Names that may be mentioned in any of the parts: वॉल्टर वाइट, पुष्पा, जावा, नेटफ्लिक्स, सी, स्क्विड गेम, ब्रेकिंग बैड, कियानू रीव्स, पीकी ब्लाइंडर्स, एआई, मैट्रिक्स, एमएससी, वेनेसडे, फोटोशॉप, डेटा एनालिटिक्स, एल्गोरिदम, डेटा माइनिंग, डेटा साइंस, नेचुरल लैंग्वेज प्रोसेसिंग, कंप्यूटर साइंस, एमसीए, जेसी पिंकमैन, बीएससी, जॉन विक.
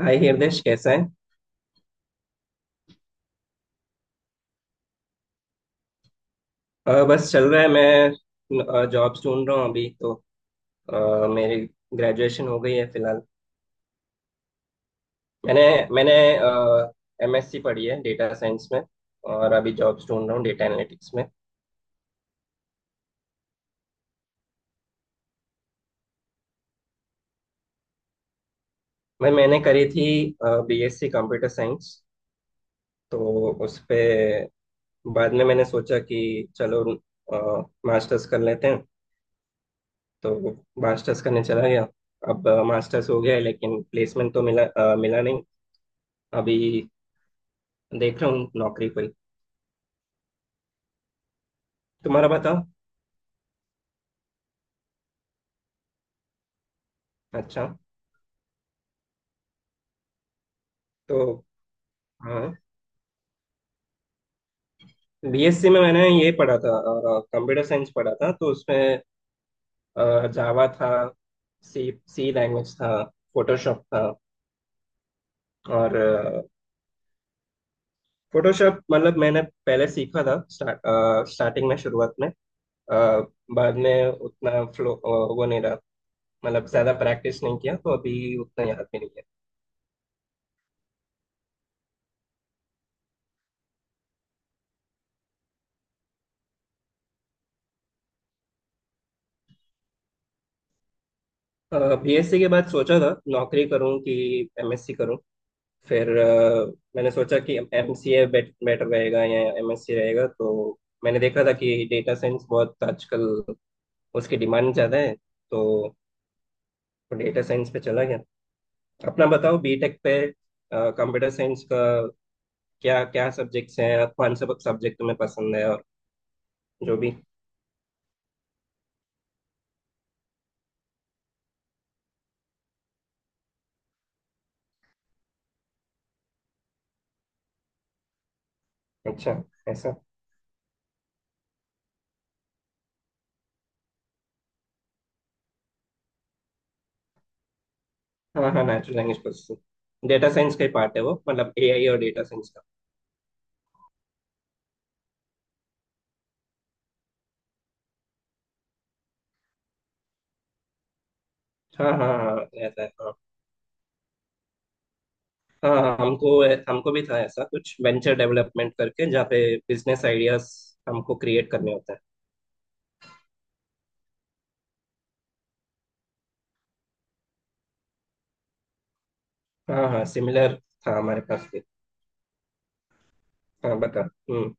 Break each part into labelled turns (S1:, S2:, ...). S1: हाय हिरदेश, कैसा है? बस चल रहा है। मैं जॉब ढूंढ रहा हूँ अभी तो। मेरी ग्रेजुएशन हो गई है फिलहाल। मैंने मैंने एमएससी पढ़ी है डेटा साइंस में। और अभी जॉब्स ढूंढ रहा हूँ डेटा एनालिटिक्स में। मैंने करी थी बीएससी कंप्यूटर साइंस। तो उस पे बाद में मैंने सोचा कि चलो मास्टर्स कर लेते हैं। तो मास्टर्स करने चला गया। अब मास्टर्स हो गया है, लेकिन प्लेसमेंट तो मिला नहीं अभी। देख रहा हूँ नौकरी पर। तुम्हारा बताओ। अच्छा। तो हाँ, बीएससी में मैंने ये पढ़ा था। कंप्यूटर साइंस पढ़ा था तो उसमें जावा था, सी सी लैंग्वेज था, फोटोशॉप था। और फोटोशॉप मतलब मैंने पहले सीखा था, स्टार्टिंग में, शुरुआत में। अ, बाद में उतना फ्लो, वो नहीं रहा। मतलब ज्यादा प्रैक्टिस नहीं किया तो अभी उतना याद भी नहीं है। बीएससी के बाद सोचा था नौकरी करूं कि एमएससी करूं। फिर मैंने सोचा कि एमसीए बेटर रहेगा या एमएससी रहेगा, तो मैंने देखा था कि डेटा साइंस बहुत आजकल उसकी डिमांड ज़्यादा है। तो डेटा साइंस पे चला गया। अपना बताओ। बीटेक पे कंप्यूटर साइंस का क्या क्या सब्जेक्ट्स हैं और कौन सा सब्जेक्ट तुम्हें पसंद है और जो भी। अच्छा। ऐसा। हाँ हाँ, नेचुरल लैंग्वेज प्रोसेसिंग डेटा साइंस का ही पार्ट है वो, मतलब एआई और डेटा साइंस का। हाँ हाँ हाँ, ऐसा है हाँ। हाँ हाँ, हमको हमको भी था ऐसा कुछ वेंचर डेवलपमेंट करके, जहाँ पे बिजनेस आइडियाज हमको क्रिएट करने होते हैं। हाँ हाँ, सिमिलर था हमारे पास भी। हाँ, बता। हम्म।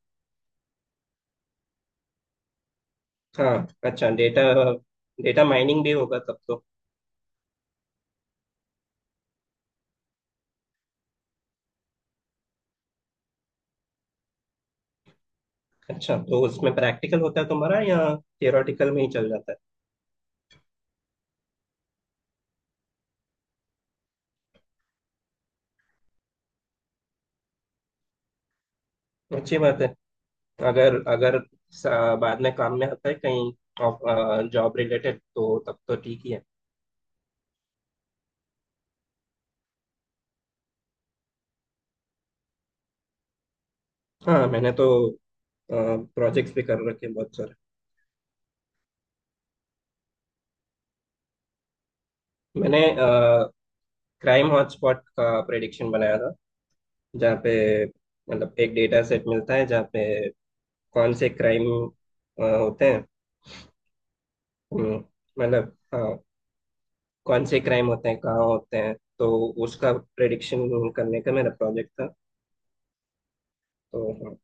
S1: हाँ, अच्छा। डेटा डेटा माइनिंग भी होगा तब तो। अच्छा, तो उसमें प्रैक्टिकल होता है तुम्हारा या थियोरेटिकल में ही चल जाता है? अच्छी बात है। अगर अगर बाद में काम में आता है कहीं, जॉब रिलेटेड, तो तब तो ठीक ही है। हाँ, मैंने तो प्रोजेक्ट्स भी कर रखे हैं बहुत सारे। मैंने क्राइम हॉटस्पॉट का प्रेडिक्शन बनाया था। जहाँ पे मतलब एक डेटा सेट मिलता है जहाँ पे कौन से क्राइम होते हैं। हम्म, मतलब हाँ। कौन से क्राइम होते हैं, कहाँ होते हैं, तो उसका प्रेडिक्शन करने का मेरा प्रोजेक्ट था। तो हाँ।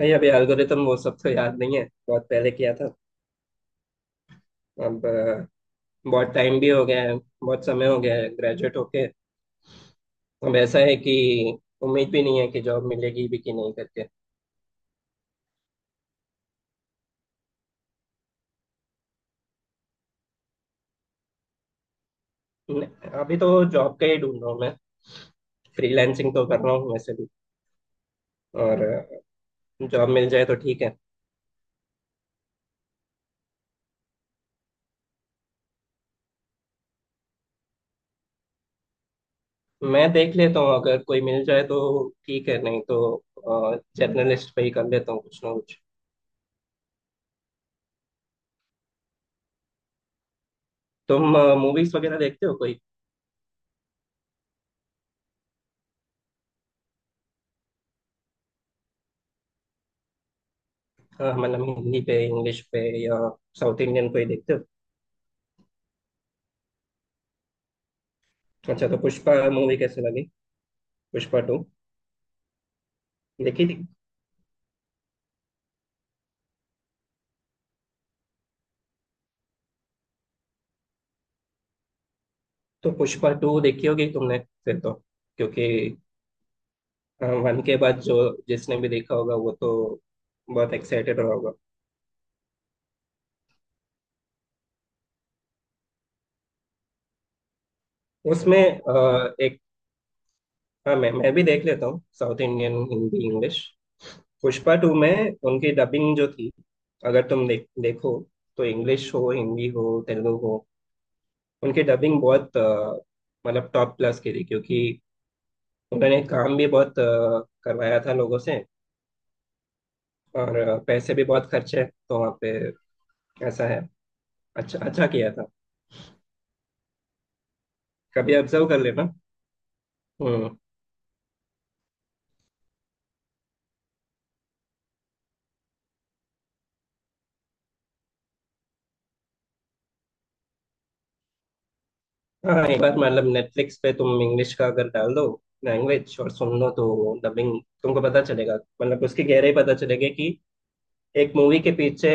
S1: नहीं, अभी एल्गोरिदम वो सब तो याद नहीं है, बहुत पहले किया था। अब बहुत टाइम भी हो गया है, बहुत समय हो गया है ग्रेजुएट होके। अब ऐसा है कि उम्मीद भी नहीं है कि जॉब मिलेगी भी कि नहीं करके। न- अभी तो जॉब का ही ढूंढ रहा हूँ मैं। फ्रीलैंसिंग तो कर रहा हूँ वैसे भी। और जॉब मिल जाए तो ठीक है। मैं देख लेता हूँ, अगर कोई मिल जाए तो ठीक है, नहीं तो जर्नलिस्ट पे ही कर लेता हूँ कुछ ना कुछ। तुम मूवीज वगैरह देखते हो कोई? मतलब हिंदी पे, इंग्लिश पे, या साउथ इंडियन कोई देखते हो? अच्छा, तो पुष्पा मूवी कैसे लगी? पुष्पा टू देखी थी। तो पुष्पा टू देखी होगी तुमने फिर तो, क्योंकि वन के बाद जो जिसने भी देखा होगा वो तो बहुत एक्साइटेड रहा होगा। उसमें एक। हाँ, मैं भी देख लेता हूँ south Indian, Hindi, English. पुष्पा two में उनकी डबिंग जो थी, अगर तुम देखो तो इंग्लिश हो, हिंदी हो, तेलुगु हो, उनकी डबिंग बहुत, मतलब टॉप क्लास की थी क्योंकि उन्होंने काम भी बहुत करवाया था लोगों से। और पैसे भी बहुत खर्चे तो वहाँ पे। ऐसा है, अच्छा अच्छा किया था। कभी ऑब्जर्व कर लेना। हम्म। हाँ, एक बार मतलब नेटफ्लिक्स पे तुम इंग्लिश का अगर डाल दो लैंग्वेज और सुन लो, तो डबिंग तुमको पता चलेगा। मतलब उसकी गहराई पता चलेगी कि एक मूवी के पीछे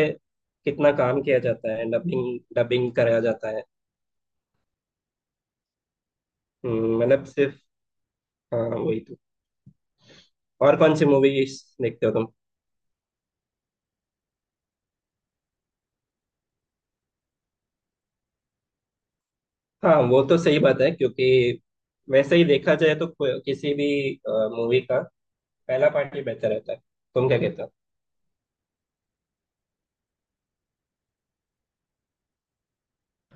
S1: कितना काम किया जाता है, डबिंग डबिंग कराया जाता है। मतलब सिर्फ हाँ वही तो। और कौन सी मूवीज देखते हो तुम? हाँ, वो तो सही बात है क्योंकि वैसे ही देखा जाए तो किसी भी मूवी का पहला पार्ट ही बेहतर रहता है। तुम क्या कहते हो?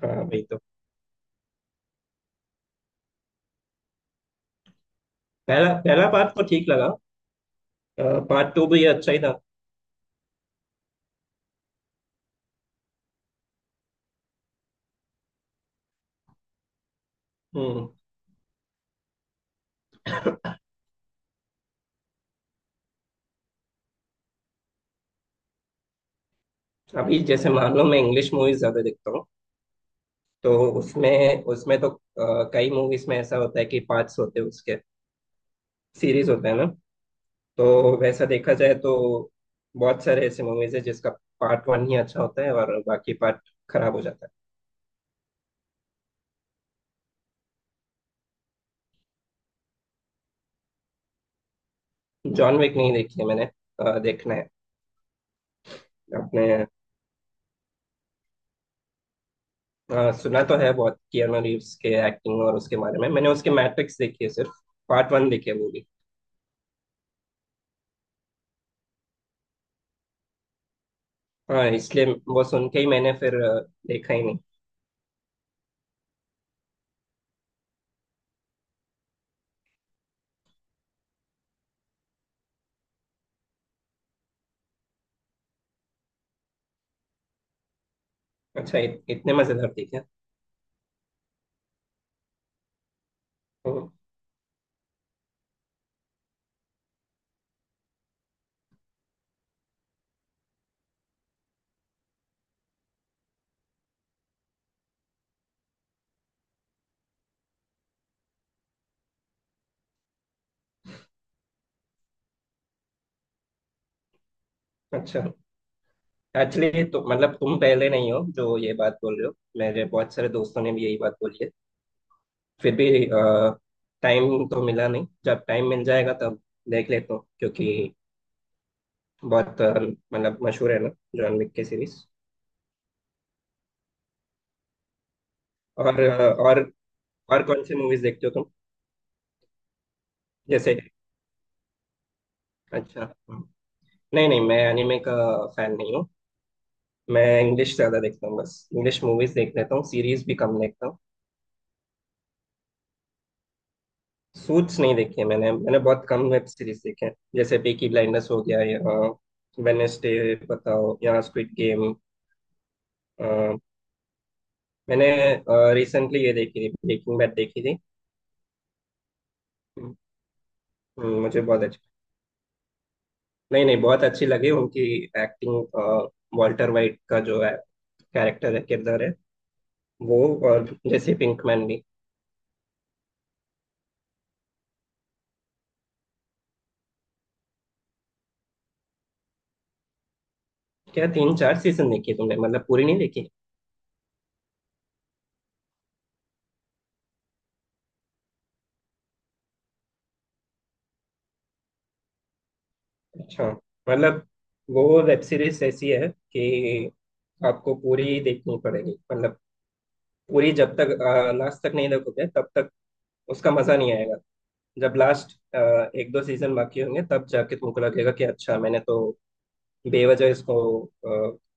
S1: हाँ वही तो। पहला पहला पार्ट तो ठीक लगा, पार्ट टू भी अच्छा ही था। हम्म। अभी जैसे मान लो मैं इंग्लिश मूवीज ज्यादा देखता हूँ, तो उसमें उसमें तो कई मूवीज में ऐसा होता है कि पार्ट्स होते हैं उसके, सीरीज होते हैं ना। तो वैसा देखा जाए तो बहुत सारे ऐसे मूवीज है जिसका पार्ट वन ही अच्छा होता है और बाकी पार्ट खराब हो जाता है। जॉन विक नहीं देखी है मैंने, देखना है। आपने? सुना तो है बहुत कियानू रीव्स के एक्टिंग और उसके बारे में। मैंने उसके मैट्रिक्स देखी है सिर्फ, पार्ट वन देखी है वो भी। हाँ, इसलिए वो सुन के ही मैंने फिर देखा ही नहीं। अच्छा, इतने मजेदार थी क्या? हम्म, अच्छा। एक्चुअली तो मतलब तुम पहले नहीं हो जो ये बात बोल रहे हो, मेरे बहुत सारे दोस्तों ने भी यही बात बोली है। फिर भी टाइम तो मिला नहीं, जब टाइम मिल जाएगा तब देख लेता हूँ, क्योंकि बहुत मतलब मशहूर है ना जॉन विक की सीरीज। और अ, और और कौन सी मूवीज देखते हो तुम? जैसे, अच्छा। हम्म। नहीं नहीं, मैं एनिमे का फैन नहीं हूँ। मैं इंग्लिश ज्यादा देखता हूँ, बस इंग्लिश मूवीज देख लेता हूँ, सीरीज भी कम देखता हूँ। सूट्स नहीं देखी है मैंने मैंने बहुत कम वेब सीरीज देखे हैं, जैसे पीकी ब्लाइंडर्स हो गया, या वेनेसडे बताओ, या स्क्विड गेम। मैंने रिसेंटली ये देखी थी, ब्रेकिंग बैड देखी थी। हम्म, मुझे बहुत अच्छी, नहीं नहीं, बहुत अच्छी लगी उनकी एक्टिंग। वॉल्टर वाइट का जो है कैरेक्टर है, किरदार है वो, और जैसे पिंकमैन भी। क्या तीन चार सीजन देखी है तुमने? मतलब पूरी नहीं देखी? अच्छा। मतलब वो वेब सीरीज ऐसी है कि आपको पूरी देखनी पड़ेगी, मतलब पूरी जब तक, लास्ट तक नहीं देखोगे तब तक उसका मजा नहीं आएगा। जब लास्ट एक दो सीजन बाकी होंगे तब जाके तुमको लगेगा कि अच्छा, मैंने तो बेवजह इसको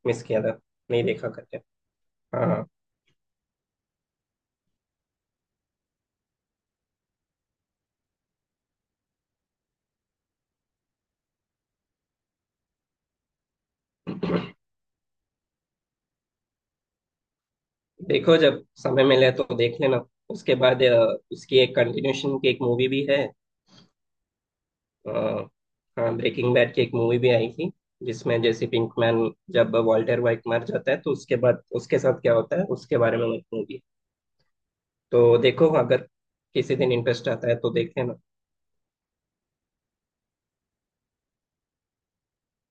S1: मिस किया था, नहीं देखा करके। हाँ हाँ, देखो जब समय मिले तो देख लेना। उसके बाद उसकी एक कंटिन्यूशन की एक मूवी भी है। अ, हाँ, ब्रेकिंग बैड की एक मूवी भी आई थी, जिसमें जेसी पिंकमैन, जब वॉल्टर वाइट मर जाता है तो उसके बाद उसके साथ क्या होता है उसके बारे में एक मूवी। तो देखो अगर किसी दिन इंटरेस्ट आता है तो देखते हैं ना।